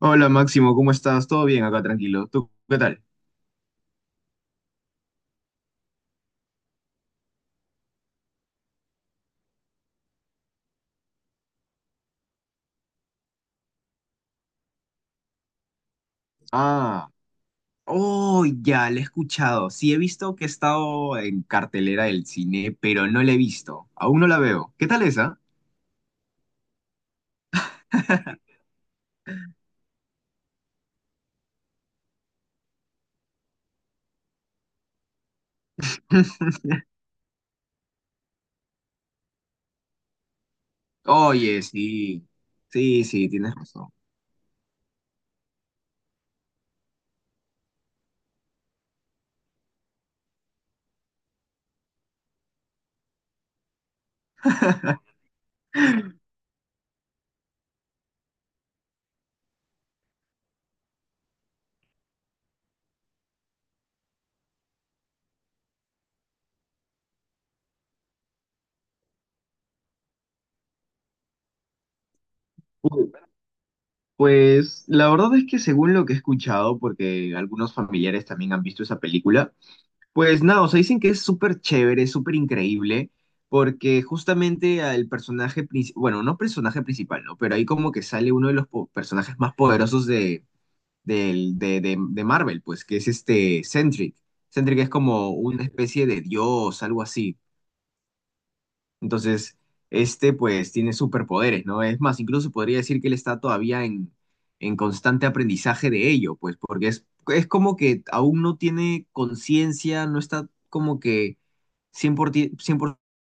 Hola Máximo, ¿cómo estás? ¿Todo bien acá, tranquilo? ¿Tú qué tal? Ah, oh, ya, la he escuchado. Sí, he visto que he estado en cartelera del cine, pero no la he visto. Aún no la veo. ¿Qué tal esa? Oye, sí. Sí, sí, tienes razón. Uy, Pues la verdad es que según lo que he escuchado, porque algunos familiares también han visto esa película. Pues nada, o sea, dicen que es súper chévere, súper increíble, porque justamente al personaje principal, bueno, no personaje principal, ¿no? Pero ahí como que sale uno de los personajes más poderosos de, del- de Marvel, pues, que es este Sentry. Sentry que es como una especie de dios, algo así. Entonces, este pues tiene superpoderes, ¿no? Es más, incluso podría decir que él está todavía en constante aprendizaje de ello, pues porque es como que aún no tiene conciencia, no está como que cien por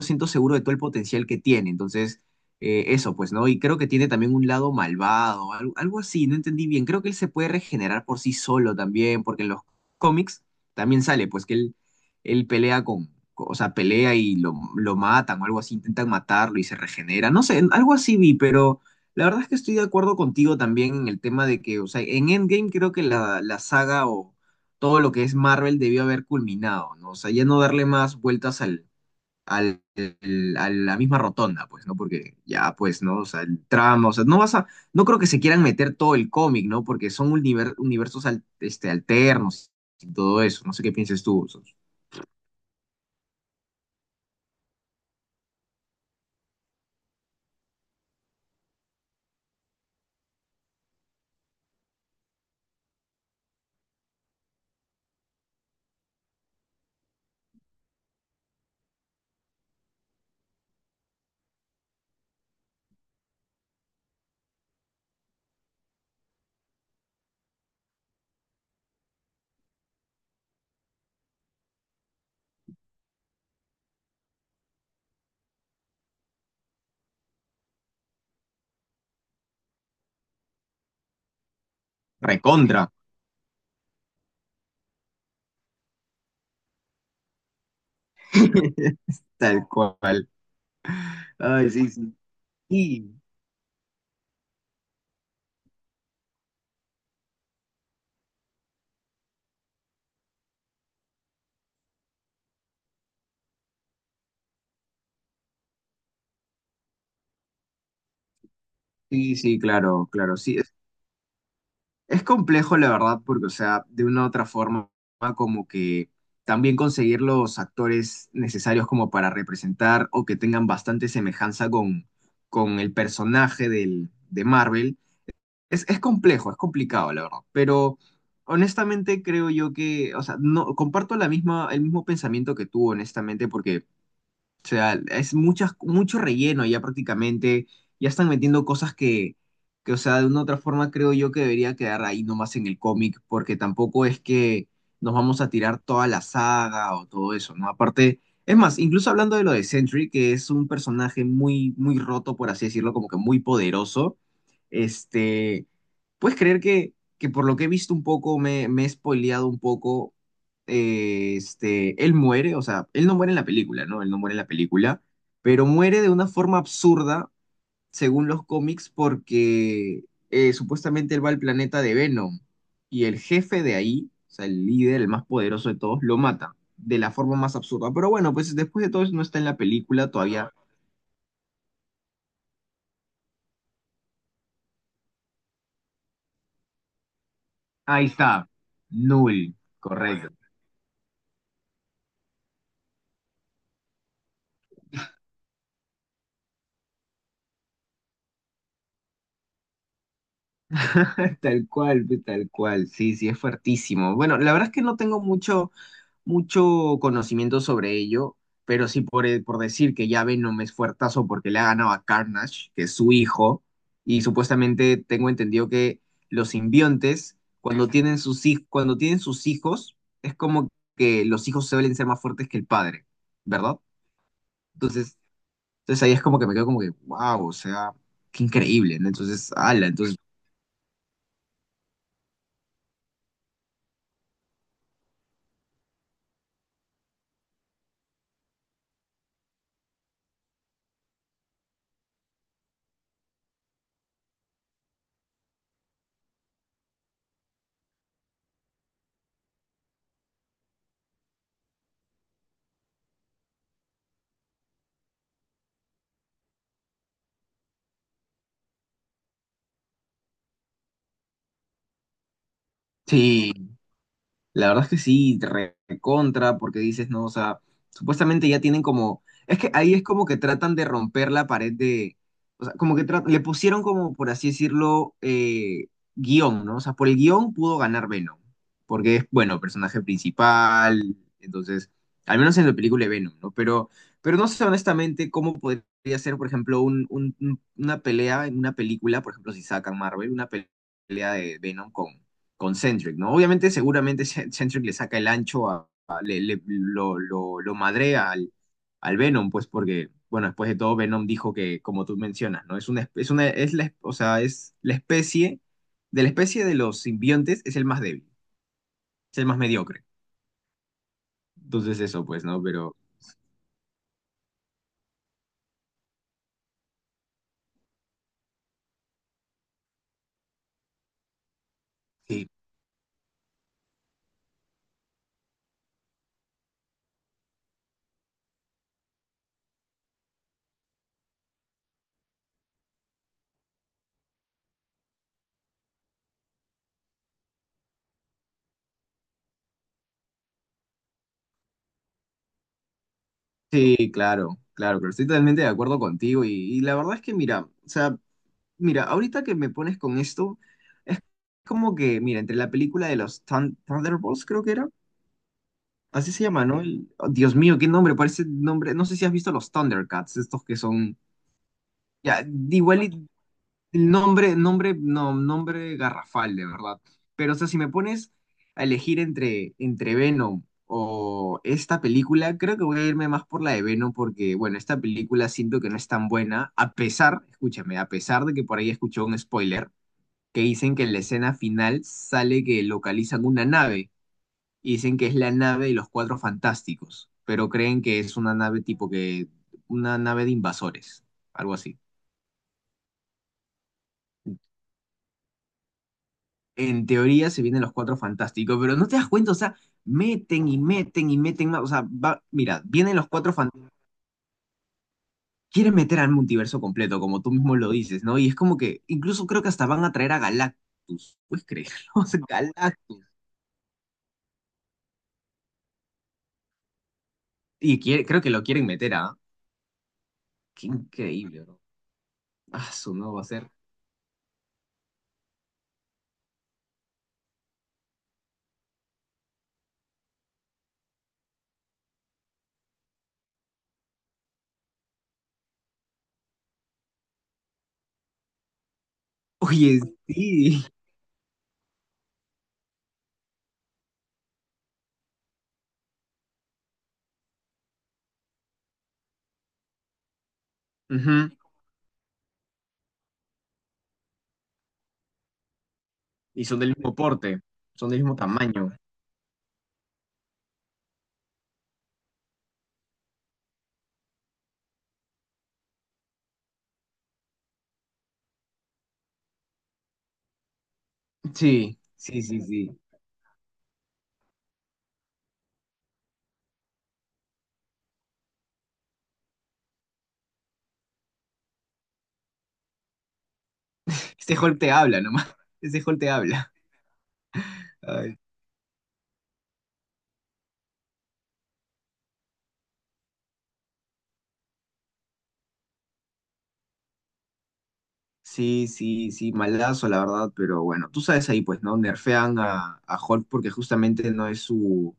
ciento seguro de todo el potencial que tiene. Entonces, eso pues, ¿no? Y creo que tiene también un lado malvado, algo, algo así, no entendí bien. Creo que él se puede regenerar por sí solo también, porque en los cómics también sale, pues que él pelea con, o sea, pelea y lo matan o algo así, intentan matarlo y se regenera. No sé, algo así vi, pero la verdad es que estoy de acuerdo contigo también en el tema de que, o sea, en Endgame creo que la saga o todo lo que es Marvel debió haber culminado, ¿no? O sea, ya no darle más vueltas a la misma rotonda, pues, ¿no? Porque ya, pues, ¿no? O sea, el trama, o sea, no vas a, no creo que se quieran meter todo el cómic, ¿no? Porque son universos este, alternos y todo eso. No sé qué pienses tú. Recontra, tal cual. Ay, sí, sí, sí, sí, sí, claro, claro, sí. Es complejo, la verdad, porque, o sea, de una u otra forma, como que también conseguir los actores necesarios como para representar o que tengan bastante semejanza con el personaje de Marvel, es complejo, es complicado, la verdad, pero... Honestamente creo yo que, o sea, no comparto el mismo pensamiento que tú, honestamente, porque o sea, es mucho relleno ya prácticamente. Ya están metiendo cosas que, o sea, de una u otra forma creo yo que debería quedar ahí nomás en el cómic, porque tampoco es que nos vamos a tirar toda la saga o todo eso, ¿no? Aparte, es más, incluso hablando de lo de Sentry, que es un personaje muy, muy roto, por así decirlo, como que muy poderoso, este, puedes creer que por lo que he visto un poco, me he spoileado un poco él muere, o sea, él no muere en la película, ¿no? Él no muere en la película, pero muere de una forma absurda, según los cómics, porque supuestamente él va al planeta de Venom y el jefe de ahí, o sea, el líder, el más poderoso de todos, lo mata de la forma más absurda. Pero bueno, pues después de todo eso no está en la película todavía. Ahí está, Null, correcto. Tal cual, pues, tal cual, sí, sí, es fuertísimo. Bueno, la verdad es que no tengo mucho conocimiento sobre ello, pero sí por decir que ya Venom es fuertazo porque le ha ganado a Carnage, que es su hijo, y supuestamente tengo entendido que los simbiontes, cuando tienen sus, cuando tienen sus hijos, es como que los hijos suelen ser más fuertes que el padre, ¿verdad? Entonces, entonces ahí es como que me quedo como que, wow, o sea, qué increíble, ¿no? Entonces, ala, entonces, sí, la verdad es que sí, contra, porque dices, no, o sea, supuestamente ya tienen como, es que ahí es como que tratan de romper la pared de, o sea, como que le pusieron como, por así decirlo, guión, ¿no? O sea, por el guión pudo ganar Venom, porque es, bueno, personaje principal, entonces, al menos en la película de Venom, ¿no? Pero no sé honestamente cómo podría ser, por ejemplo, una pelea en una película, por ejemplo, si sacan Marvel, una pelea de Venom con Centric, ¿no? Obviamente, seguramente Centric le saca el ancho lo madrea al, al Venom, pues porque, bueno, después de todo, Venom dijo que, como tú mencionas, ¿no? Es una, espe- es una, es la, o sea, es la especie de los simbiontes es el más débil, es el más mediocre. Entonces eso, pues, ¿no? Pero sí, sí, claro, claro, pero estoy totalmente de acuerdo contigo y la verdad es que, mira, o sea, mira, ahorita que me pones con esto, es como que, mira, entre la película de los Thunderbolts, creo que era, así se llama, ¿no? El- oh, Dios mío, qué nombre, parece nombre. No sé si has visto los Thundercats, estos que son. Ya, igual y- el nombre, nombre, no, nombre garrafal, de verdad. Pero, o sea, si me pones a elegir entre Venom o esta película, creo que voy a irme más por la de Venom, porque, bueno, esta película siento que no es tan buena, a pesar, escúchame, a pesar de que por ahí escuché un spoiler que dicen que en la escena final sale que localizan una nave y dicen que es la nave de los Cuatro Fantásticos, pero creen que es una nave tipo que, una nave de invasores, algo así. En teoría se vienen los Cuatro Fantásticos, pero no te das cuenta, o sea, meten y meten y meten más, o sea, va, mira, vienen los Cuatro Fantásticos, quieren meter al multiverso completo, como tú mismo lo dices, ¿no? Y es como que, incluso creo que hasta van a traer a Galactus, ¿puedes creerlo? O sea, Galactus. Y quiere- creo que lo quieren meter a... Qué increíble, bro. Ah, su no va a ser. Oye, sí. Ujú. Y son del mismo porte, son del mismo tamaño. Sí, sí, sí, sí. Este Hulk te habla nomás. Ese Hulk te habla. Ay, sí, sí, sí, malazo la verdad, pero bueno, tú sabes ahí pues, ¿no? Nerfean a Hulk porque justamente no es su,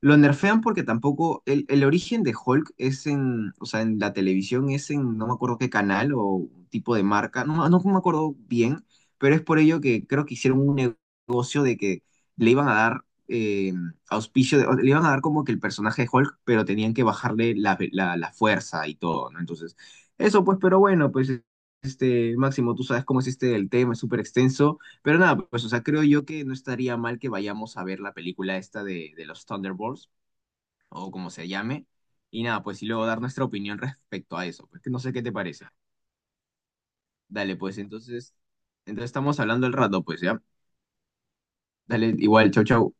lo nerfean porque tampoco, el origen de Hulk es en, o sea, en la televisión es en, no me acuerdo qué canal o tipo de marca, no me acuerdo bien, pero es por ello que creo que hicieron un negocio de que le iban a dar auspicio, de- o le iban a dar como que el personaje de Hulk, pero tenían que bajarle la fuerza y todo, ¿no? Entonces, eso pues, pero bueno, pues, este, Máximo, tú sabes cómo es este el tema, es súper extenso. Pero nada, pues, o sea, creo yo que no estaría mal que vayamos a ver la película esta de los Thunderbolts, o como se llame, y nada, pues, y luego dar nuestra opinión respecto a eso, pues, que no sé qué te parece. Dale, pues, entonces, entonces estamos hablando el rato, pues, ¿ya? Dale, igual, chau, chau.